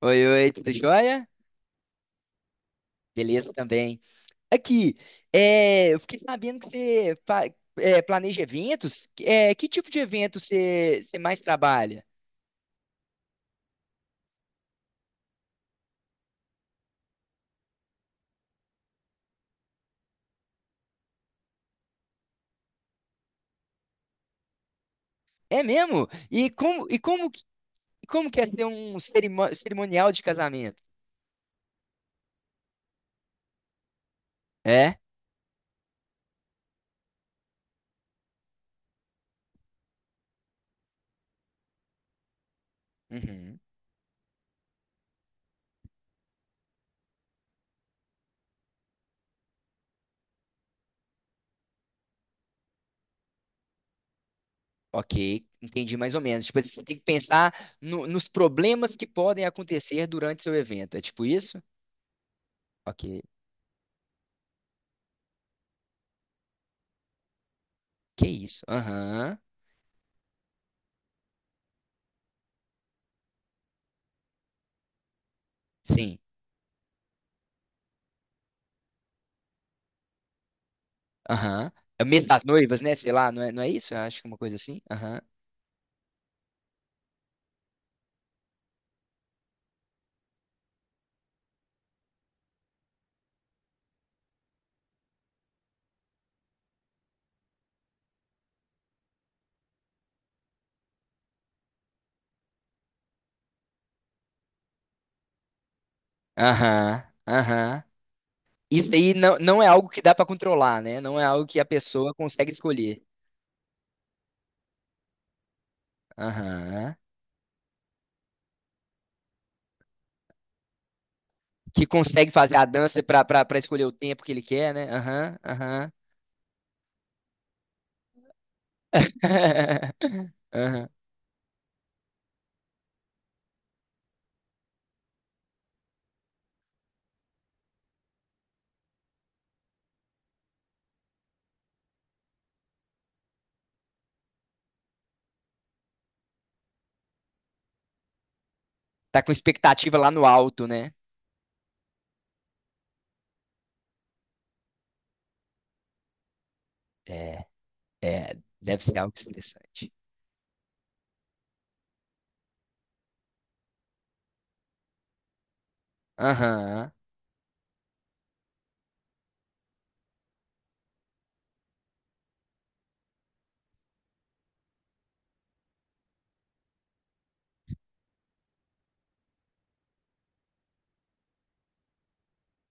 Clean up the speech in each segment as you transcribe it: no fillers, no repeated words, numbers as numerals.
Oi, oi, tudo jóia? Beleza também. Aqui, eu fiquei sabendo que você planeja eventos. Que tipo de evento você mais trabalha? É mesmo? Como que é ser um cerimonial de casamento? É? Uhum. Ok, entendi mais ou menos. Tipo, você tem que pensar nos problemas que podem acontecer durante seu evento. É tipo isso? Ok. Que isso? Aham. Sim. Aham. É o mês das noivas, né? Sei lá, não é isso? Eu acho que é uma coisa assim. Aham. Aham. Aham. Isso aí não, não é algo que dá pra controlar, né? Não é algo que a pessoa consegue escolher. Aham. Que consegue fazer a dança pra escolher o tempo que ele quer, né? Aham. Aham. Aham. Tá com expectativa lá no alto, né? É, é, deve ser algo estressante. Aham,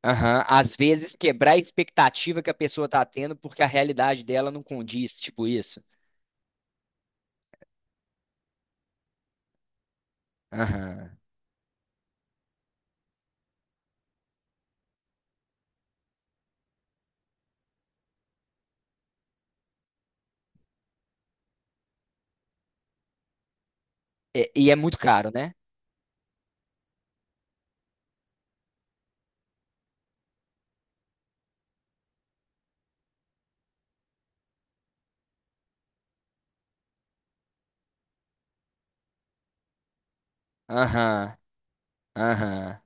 aham. Às vezes quebrar a expectativa que a pessoa tá tendo porque a realidade dela não condiz, tipo isso. Aham. É, e é muito caro, né? Aham. Aham.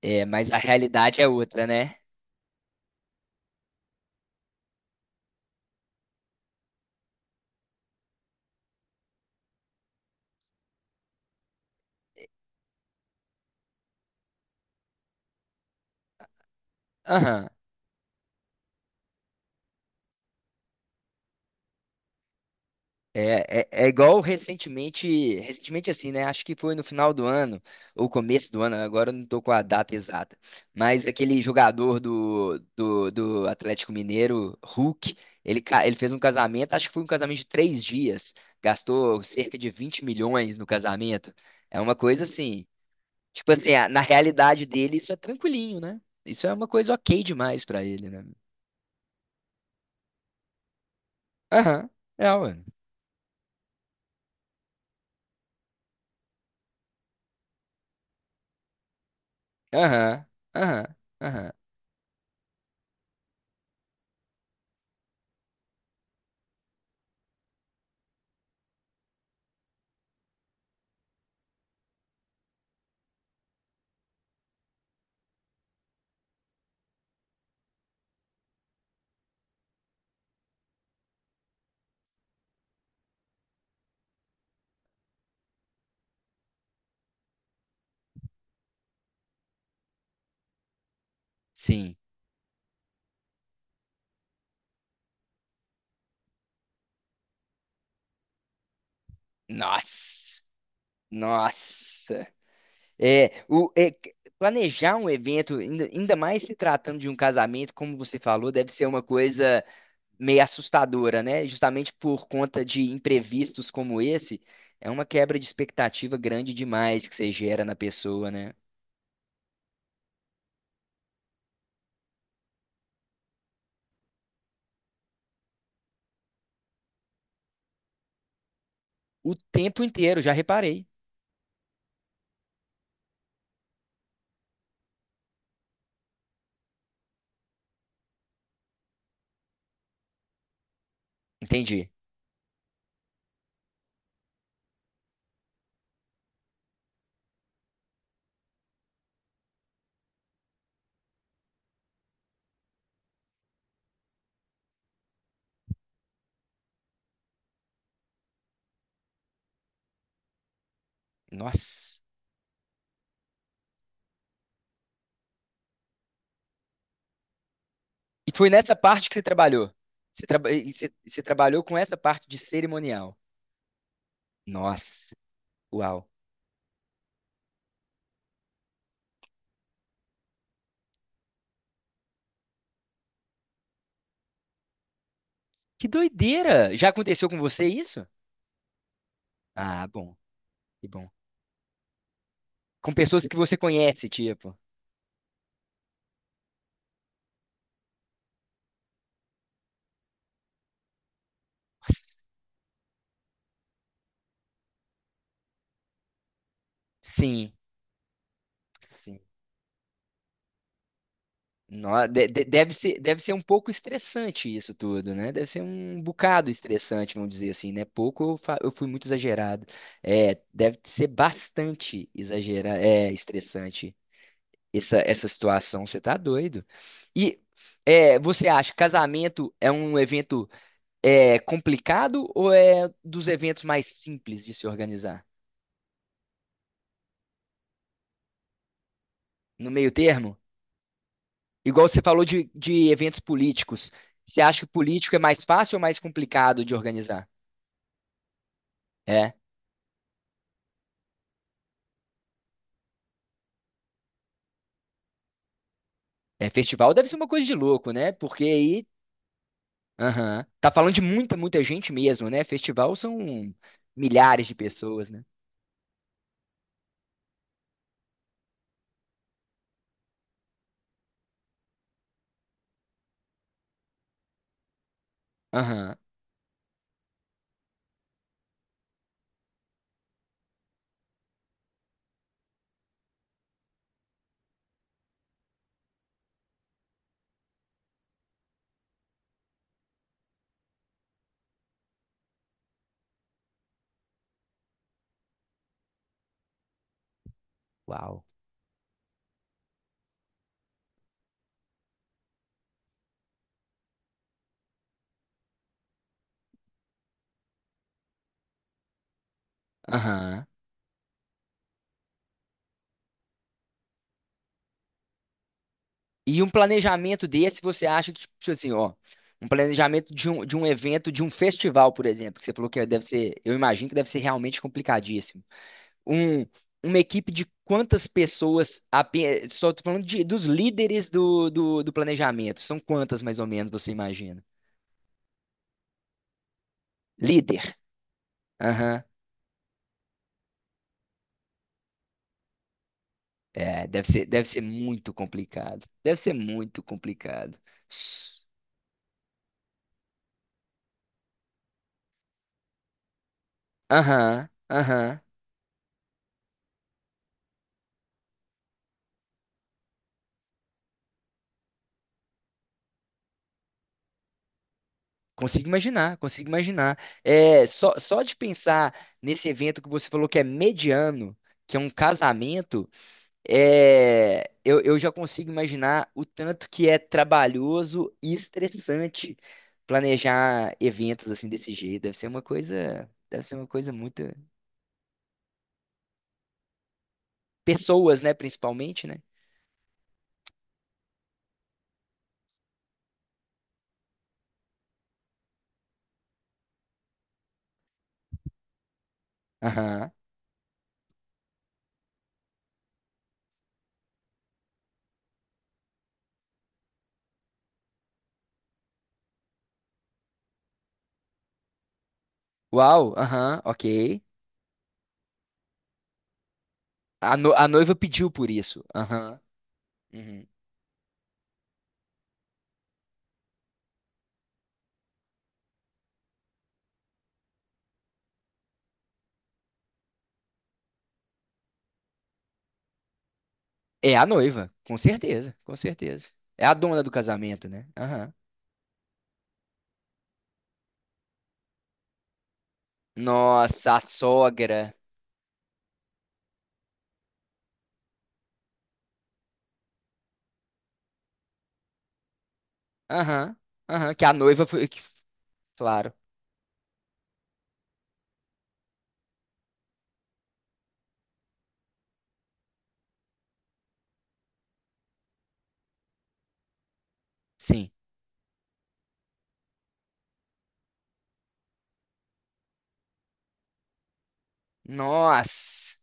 É, mas a realidade é outra, né? Aham. Igual recentemente assim, né? Acho que foi no final do ano, ou começo do ano, agora eu não tô com a data exata. Mas aquele jogador do Atlético Mineiro, Hulk, ele fez um casamento, acho que foi um casamento de 3 dias, gastou cerca de 20 milhões no casamento. É uma coisa assim. Tipo assim, ah, na realidade dele, isso é tranquilinho, né? Isso é uma coisa ok demais pra ele, né? Aham, mano. Aham, aham, aham. Sim. Nossa, nossa. Planejar um evento, ainda mais se tratando de um casamento, como você falou, deve ser uma coisa meio assustadora, né? Justamente por conta de imprevistos como esse, é uma quebra de expectativa grande demais que você gera na pessoa, né? O tempo inteiro, já reparei. Entendi. Nossa. E foi nessa parte que você trabalhou. Você, traba- e você trabalhou com essa parte de cerimonial. Nossa. Uau. Que doideira! Já aconteceu com você isso? Ah, bom. Que bom. Com pessoas que você conhece, tipo. Nossa. Sim. Sim. Deve ser um pouco estressante isso tudo, né? Deve ser um bocado estressante, vamos dizer assim, né? Eu fui muito exagerado. Deve ser bastante exagerado, estressante essa situação, você tá doido. E você acha que casamento é um evento complicado ou é dos eventos mais simples de se organizar? No meio termo? Igual você falou de eventos políticos. Você acha que político é mais fácil ou mais complicado de organizar? É. É, festival deve ser uma coisa de louco, né? Porque aí. Aham. Tá falando de muita, muita gente mesmo, né? Festival são milhares de pessoas, né? Aham. Uau. Aham. E um planejamento desse, você acha que, tipo assim, ó, um planejamento de um evento, de um festival, por exemplo, que você falou que deve ser, eu imagino que deve ser realmente complicadíssimo. Um, uma equipe de quantas pessoas, só tô falando dos líderes do planejamento, são quantas mais ou menos você imagina? Líder, aham, É, deve ser muito complicado, deve ser muito complicado. Aham, aham. Consigo imaginar, consigo imaginar. É, só de pensar nesse evento que você falou que é mediano, que é um casamento, eu já consigo imaginar o tanto que é trabalhoso e estressante planejar eventos assim desse jeito. Deve ser uma coisa, deve ser uma coisa muito. Pessoas, né, principalmente, né? Aham. Uau, aham, ok. A, no- a noiva pediu por isso. Aham. Uhum. É a noiva, com certeza, com certeza. É a dona do casamento, né? Aham. Nossa, a sogra. Aham, aham, que a noiva foi. Claro, sim. Nossa,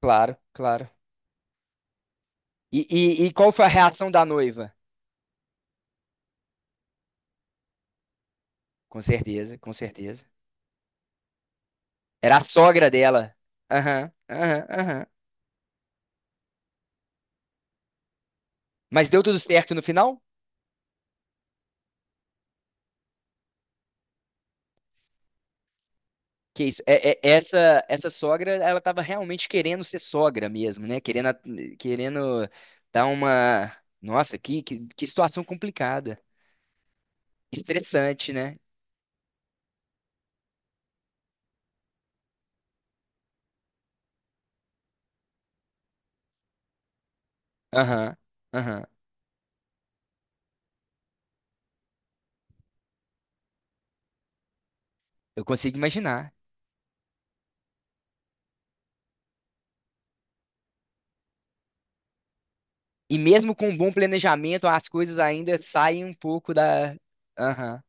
claro, claro. Qual foi a reação da noiva? Com certeza, com certeza. Era a sogra dela. Aham, aham, aham. Mas deu tudo certo no final? Que isso? Essa sogra, ela estava realmente querendo ser sogra mesmo, né? Querendo dar uma. Nossa, que situação complicada, estressante, né? Aham. Aham. Eu consigo imaginar. E mesmo com um bom planejamento, as coisas ainda saem um pouco da. Aham.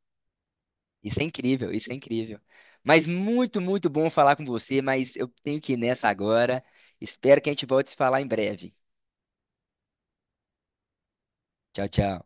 Isso é incrível, isso é incrível. Mas muito, muito bom falar com você, mas eu tenho que ir nessa agora. Espero que a gente volte a se falar em breve. Tchau, tchau.